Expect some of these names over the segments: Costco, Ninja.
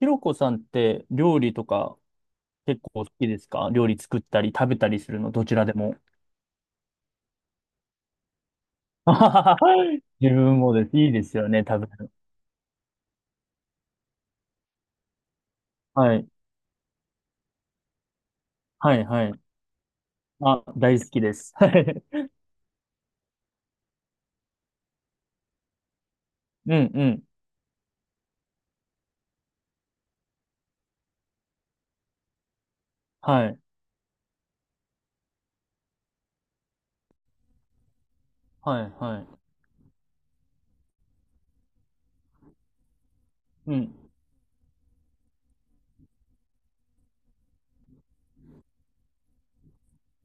ひろこさんって料理とか結構好きですか？料理作ったり食べたりするのどちらでも。あははは自分もです。いいですよね、食べる。はい。はい、はい。あ、大好きです。はい。うん、うん。はい。はい、はい。うん。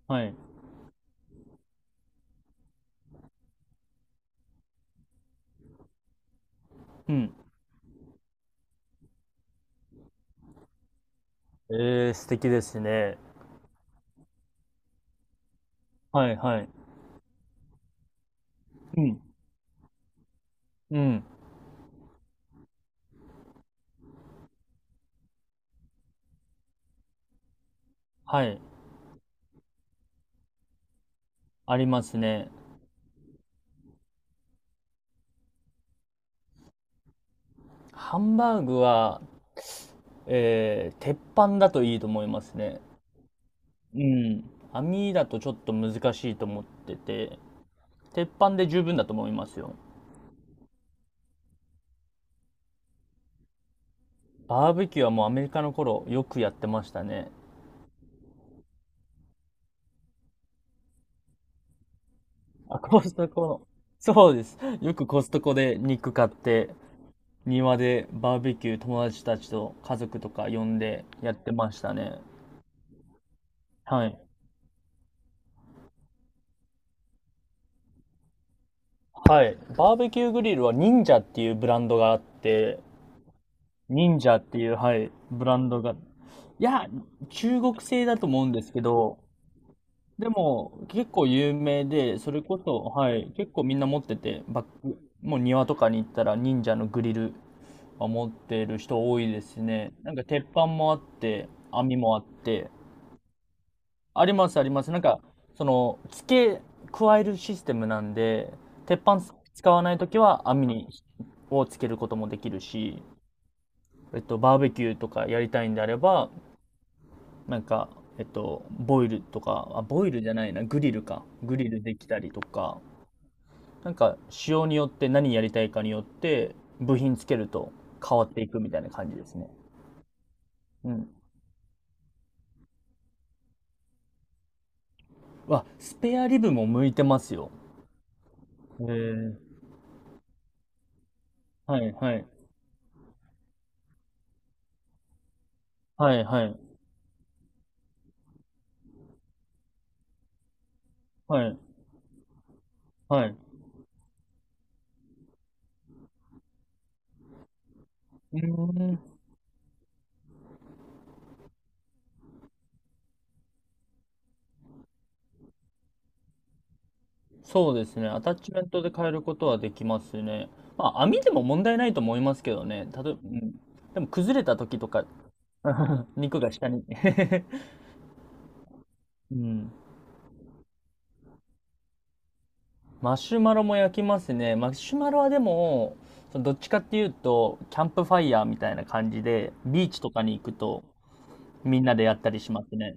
はい。うん。えー、素敵ですね。はい、はい。うん。うん。はい。ありますね。ハンバーグは、鉄板だといいと思いますね。うん。網だとちょっと難しいと思ってて、鉄板で十分だと思いますよ。バーベキューはもうアメリカの頃よくやってましたね。あ、コストコの。そうです。よくコストコで肉買って、庭でバーベキュー友達たちと家族とか呼んでやってましたね。はい。はい。バーベキューグリルは忍者っていうブランドがあって、忍者っていう、はい、ブランドが、いや、中国製だと思うんですけど、でも、結構有名で、それこそ、はい、結構みんな持ってて、バック、もう庭とかに行ったら忍者のグリルは持ってる人多いですね。なんか鉄板もあって、網もあって、ありますあります。なんか、その、付け加えるシステムなんで、鉄板使わないときは網に、をつけることもできるし、バーベキューとかやりたいんであれば、なんか、ボイルとか、あ、ボイルじゃないな、グリルか。グリルできたりとか、なんか仕様によって何やりたいかによって部品つけると変わっていくみたいな感じですね。うん。わ、スペアリブも向いてますよ。へえ。はいはい。はいはいはいはい。うーん。そうですね。アタッチメントで変えることはできますね。まあ、網でも問題ないと思いますけどね。うん。でも崩れた時とか、肉が下に うん。マシュマロも焼きますね。マシュマロはでも、どっちかっていうと、キャンプファイヤーみたいな感じで、ビーチとかに行くと、みんなでやったりしますね。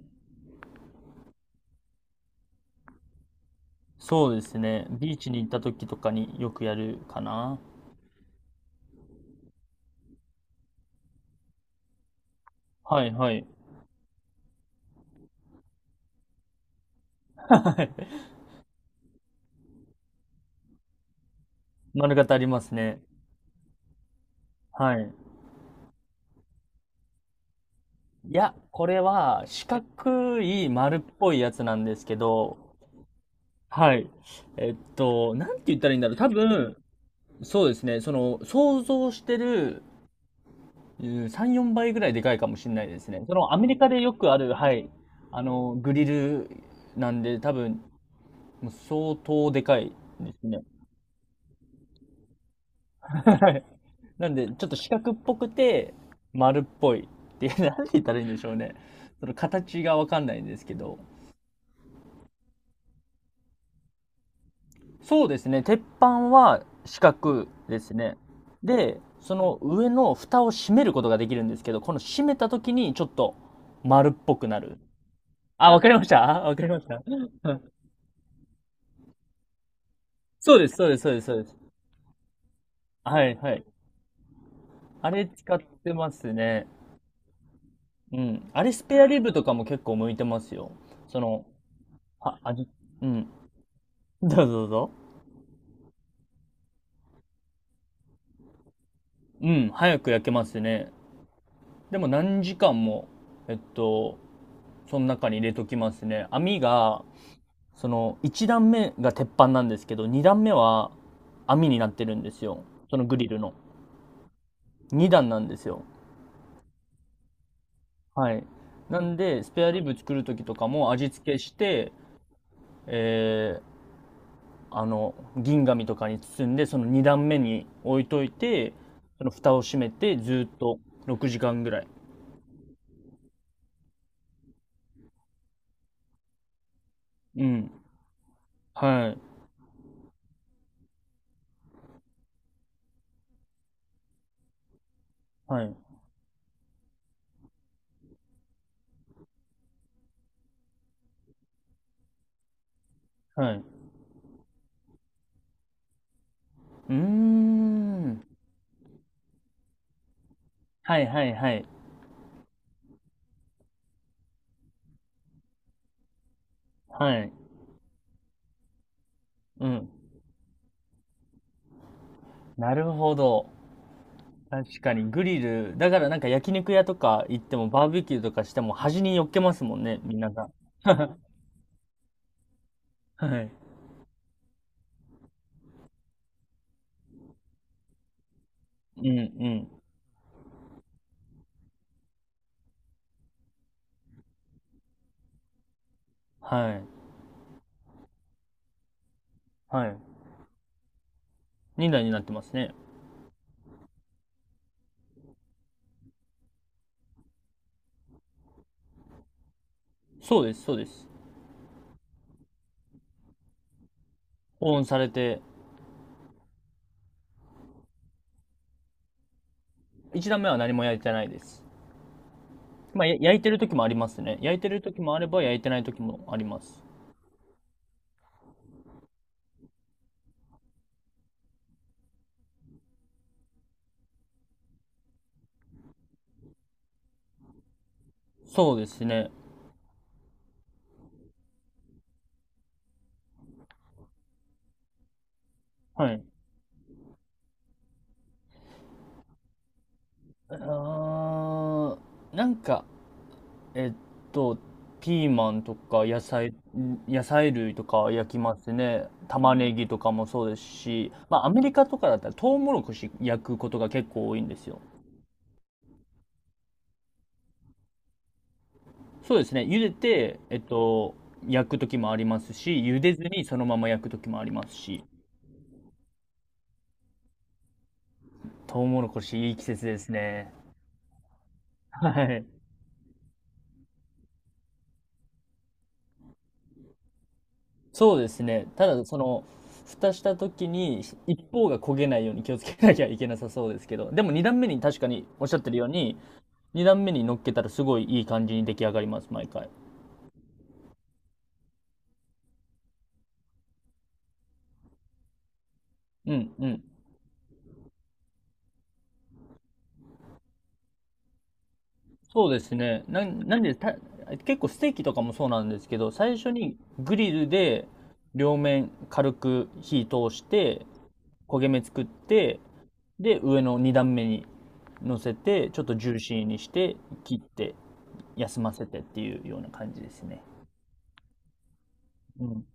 そうですね。ビーチに行った時とかによくやるかな。はいはい。はい丸型ありますね。はい。いや、これは四角い丸っぽいやつなんですけど、はい。なんて言ったらいいんだろう。多分、そうですね。その、想像してる3、4倍ぐらいでかいかもしれないですね。そのアメリカでよくある、はい、グリルなんで、多分、もう相当でかいですね。はいなんで、ちょっと四角っぽくて、丸っぽいっていう、なんて言ったらいいんでしょうね。その形がわかんないんですけど。そうですね、鉄板は四角ですね。で、その上の蓋を閉めることができるんですけど、この閉めた時にちょっと丸っぽくなる。あ、わかりましたあわかりました。そうです、そうです、そうです、そうです。はい、はい。あれ使ってますね。うん。あれスペアリブとかも結構向いてますよ。その、あ味、うん。どうぞどうぞ。うん、早く焼けますね。でも何時間も、えっと、その中に入れときますね。網が、その、1段目が鉄板なんですけど、2段目は網になってるんですよ。そのグリルの。2段なんですよ。はい。なんで、スペアリブ作る時とかも味付けして、えあの銀紙とかに包んでその2段目に置いといてその蓋を閉めてずーっと6時間ぐらい。うんはいはいはい。うーん。はいはいはい。はい。うん。なるほど。確かにグリル、だからなんか焼肉屋とか行ってもバーベキューとかしても端に寄っけますもんね、みんなが。はい。うんうん。はい。はい。2台になってますね。そうです、そうです。保温されて。一段目は何も焼いてないです。まあ、焼いてる時もありますね。焼いてる時もあれば、焼いてない時もあります。そうですね。はい。あー、なんか、えっと、ピーマンとか野菜類とか焼きますね。玉ねぎとかもそうですし、まあ、アメリカとかだったら、トウモロコシ焼くことが結構多いんですよ。そうですね。茹でて、焼く時もありますし、茹でずにそのまま焼く時もありますし、トウモロコシいい季節ですね。はい。そうですね。ただ、その、蓋した時に、一方が焦げないように気をつけなきゃいけなさそうですけど、でも二段目に確かにおっしゃってるように、二段目に乗っけたらすごいいい感じに出来上がります、毎回。うんうん。そうですね。なん、なんでた、結構ステーキとかもそうなんですけど、最初にグリルで両面軽く火通して、焦げ目作って、で、上の2段目に乗せて、ちょっとジューシーにして、切って、休ませてっていうような感じですね。うん。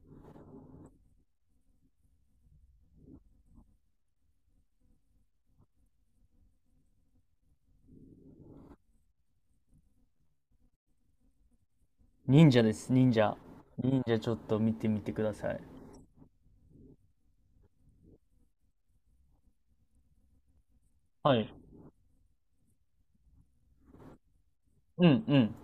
忍者です、忍者。忍者ちょっと見てみてください。はい。うんうん。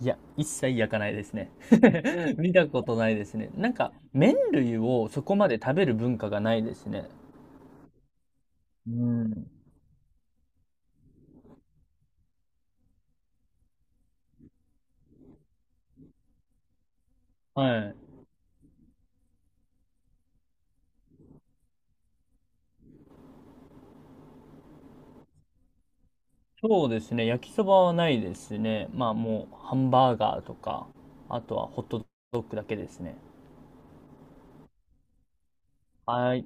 いや、一切焼かないですね。見たことないですね。なんか、麺類をそこまで食べる文化がないですね。うん。はい。そうですね。焼きそばはないですね。まあもうハンバーガーとか、あとはホットドッグだけですね。はい。